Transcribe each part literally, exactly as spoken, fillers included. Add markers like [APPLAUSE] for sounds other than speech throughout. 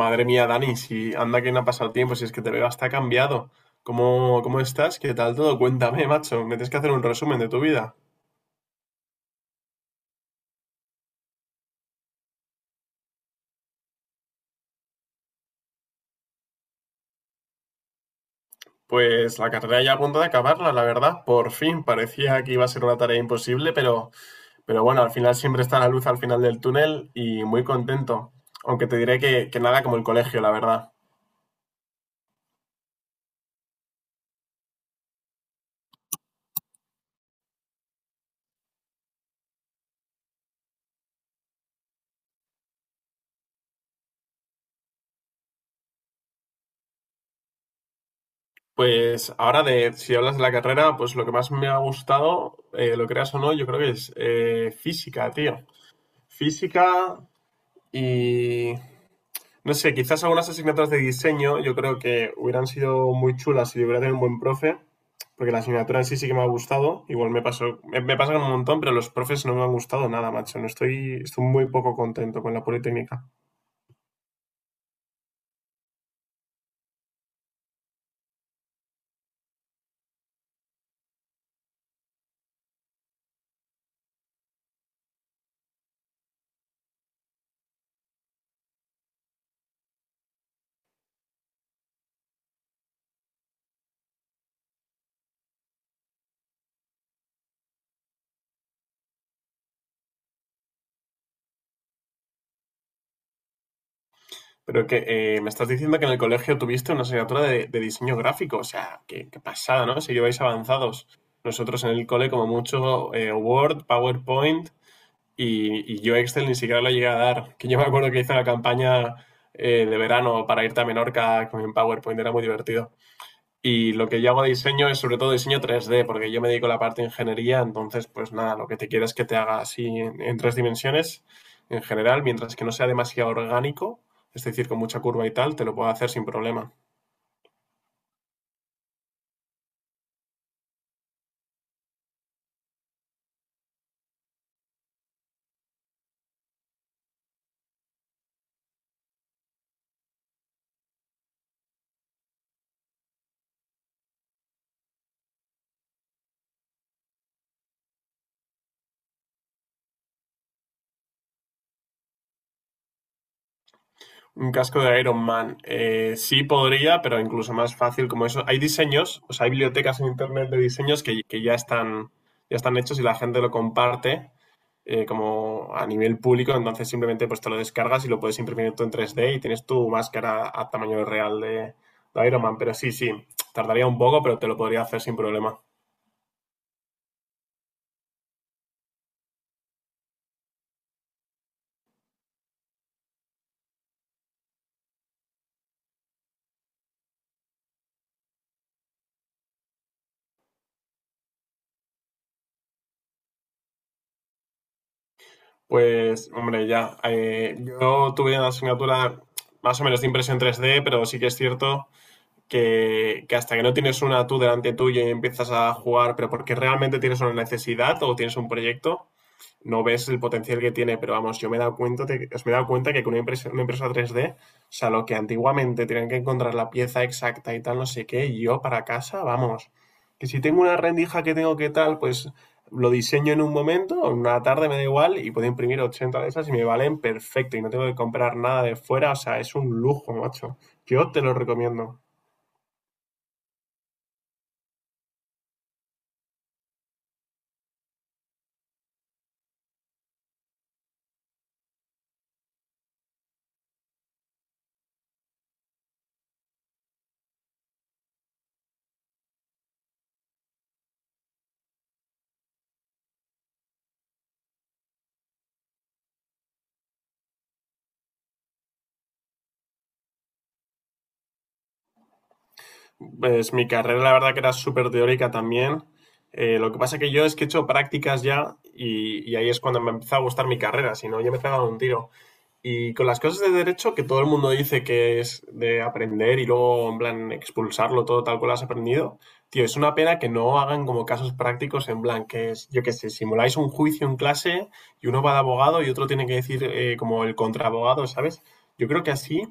Madre mía, Dani, si anda que no ha pasado tiempo, si es que te veo hasta cambiado. ¿Cómo, cómo estás? ¿Qué tal todo? Cuéntame, macho. Me tienes que hacer un resumen de tu vida. Pues la carrera ya a punto de acabarla, la verdad. Por fin, parecía que iba a ser una tarea imposible, pero, pero bueno, al final siempre está la luz al final del túnel y muy contento. Aunque te diré que, que nada como el colegio, la verdad. Pues ahora de, si hablas de la carrera, pues lo que más me ha gustado, eh, lo creas o no, yo creo que es eh, física, tío. Física y no sé, quizás algunas asignaturas de diseño yo creo que hubieran sido muy chulas si hubiera tenido un buen profe, porque la asignatura en sí sí que me ha gustado. Igual me pasó, me, me pasa con un montón, pero los profes no me han gustado nada, macho. No estoy, estoy muy poco contento con la Politécnica. Pero que eh, me estás diciendo que en el colegio tuviste una asignatura de, de diseño gráfico, o sea, qué, qué pasada, ¿no? Si lleváis avanzados. Nosotros en el cole, como mucho, eh, Word, PowerPoint y, y yo Excel ni siquiera lo llegué a dar. Que yo me acuerdo que hice la campaña eh, de verano para irte a Menorca con PowerPoint, era muy divertido. Y lo que yo hago de diseño es sobre todo diseño tres D, porque yo me dedico a la parte de ingeniería, entonces pues nada, lo que te quiero es que te haga así en, en tres dimensiones en general, mientras que no sea demasiado orgánico, es decir, con mucha curva y tal, te lo puedo hacer sin problema. Un casco de Iron Man. Eh, sí podría, pero incluso más fácil como eso. Hay diseños, o sea, hay bibliotecas en internet de diseños que, que ya están, ya están hechos y la gente lo comparte eh, como a nivel público. Entonces simplemente pues te lo descargas y lo puedes imprimir tú en tres D y tienes tu máscara a tamaño real de, de Iron Man. Pero sí, sí, tardaría un poco, pero te lo podría hacer sin problema. Pues, hombre, ya. Eh, yo tuve una asignatura más o menos de impresión tres D, pero sí que es cierto que, que hasta que no tienes una tú delante tuya y empiezas a jugar, pero porque realmente tienes una necesidad o tienes un proyecto, no ves el potencial que tiene. Pero vamos, yo me he dado cuenta, de- me he dado cuenta que con una impresa, una impresa tres d, o sea, lo que antiguamente tenían que encontrar la pieza exacta y tal, no sé qué, y yo para casa, vamos. Que si tengo una rendija que tengo que tal, pues lo diseño en un momento, en una tarde me da igual, y puedo imprimir ochenta de esas y me valen perfecto, y no tengo que comprar nada de fuera, o sea, es un lujo, macho. Yo te lo recomiendo. Pues mi carrera la verdad que era súper teórica también. Eh, lo que pasa que yo es que he hecho prácticas ya y, y ahí es cuando me empezó a gustar mi carrera, si no yo me pegaba un tiro. Y con las cosas de derecho que todo el mundo dice que es de aprender y luego en plan expulsarlo todo tal cual has aprendido, tío, es una pena que no hagan como casos prácticos en plan que es, yo qué sé, simuláis un juicio en clase y uno va de abogado y otro tiene que decir eh, como el contraabogado, ¿sabes? Yo creo que así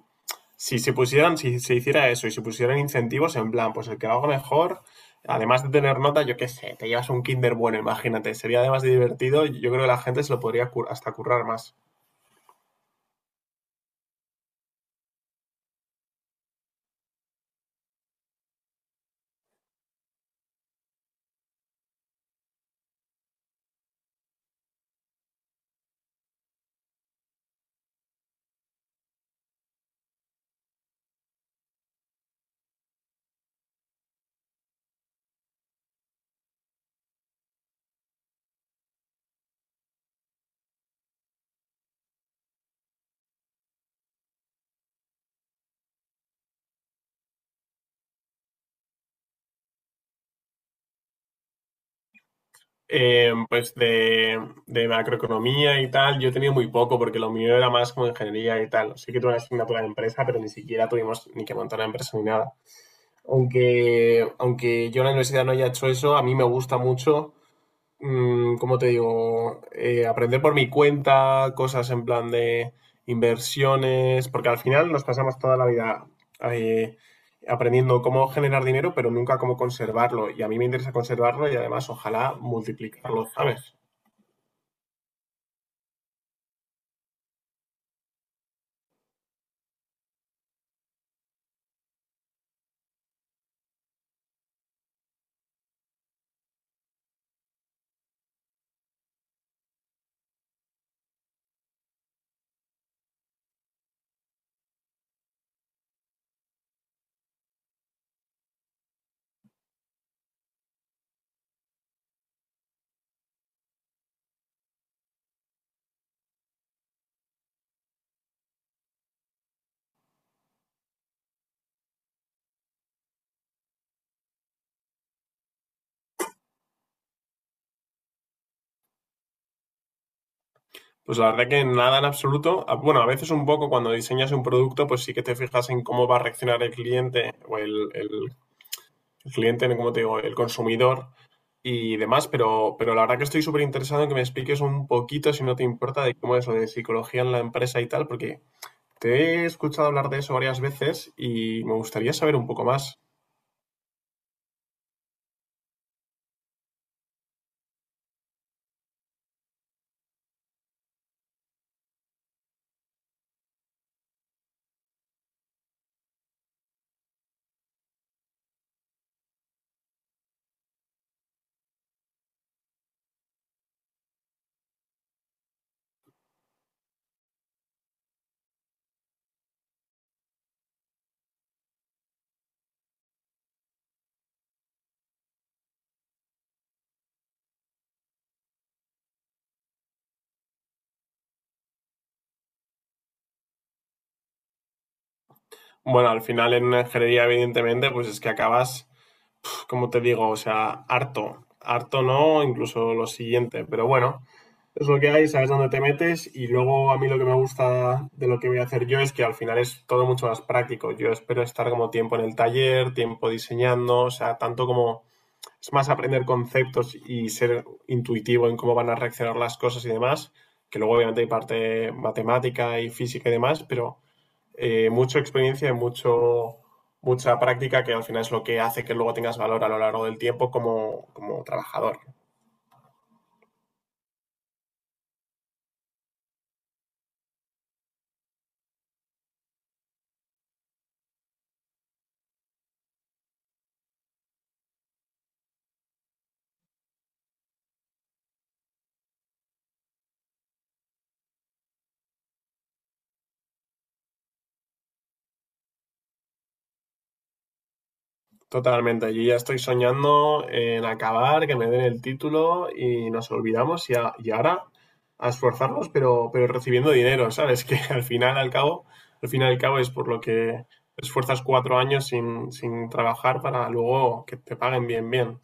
si se pusieran, si se hiciera eso y se pusieran incentivos en plan, pues el que lo haga mejor, además de tener nota, yo qué sé, te llevas un Kinder bueno, imagínate, sería además de divertido, yo creo que la gente se lo podría cur- hasta currar más. Eh, pues de, de macroeconomía y tal, yo he tenido muy poco porque lo mío era más como ingeniería y tal. Sí que tuve una asignatura de empresa, pero ni siquiera tuvimos ni que montar una empresa ni nada. Aunque, aunque yo en la universidad no haya hecho eso, a mí me gusta mucho, mm, ¿cómo te digo? Eh, aprender por mi cuenta, cosas en plan de inversiones, porque al final nos pasamos toda la vida eh, aprendiendo cómo generar dinero, pero nunca cómo conservarlo. Y a mí me interesa conservarlo y además ojalá multiplicarlo, ¿sabes? Pues la verdad que nada en absoluto. A- Bueno, a veces un poco cuando diseñas un producto, pues sí que te fijas en cómo va a reaccionar el cliente o el, el el cliente, como te digo, el consumidor y demás, pero, pero la verdad que estoy súper interesado en que me expliques un poquito, si no te importa, de cómo es lo de psicología en la empresa y tal, porque te he escuchado hablar de eso varias veces y me gustaría saber un poco más. Bueno, al final en una ingeniería, evidentemente, pues es que acabas, como te digo, o sea, harto. Harto no, incluso lo siguiente, pero bueno, es lo que hay, sabes dónde te metes y luego a mí lo que me gusta de lo que voy a hacer yo es que al final es todo mucho más práctico. Yo espero estar como tiempo en el taller, tiempo diseñando, o sea, tanto como es más aprender conceptos y ser intuitivo en cómo van a reaccionar las cosas y demás, que luego obviamente hay parte matemática y física y demás, pero eh, mucha experiencia y mucho, mucha práctica que al final es lo que hace que luego tengas valor a lo largo del tiempo como, como trabajador. Totalmente, yo ya estoy soñando en acabar, que me den el título y nos olvidamos y, a- y ahora a esforzarnos, pero, pero recibiendo dinero, ¿sabes? [LAUGHS] Que al final, al cabo, al final, al cabo es por lo que esfuerzas cuatro años sin, sin trabajar para luego que te paguen bien, bien.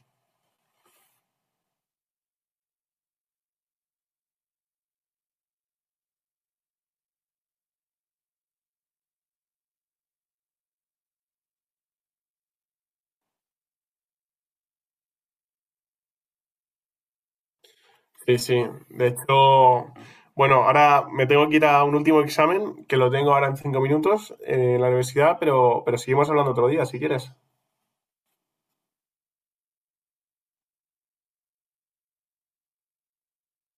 Sí, sí. De hecho, bueno, ahora me tengo que ir a un último examen, que lo tengo ahora en cinco minutos eh, en la universidad, pero, pero seguimos hablando otro día, si quieres.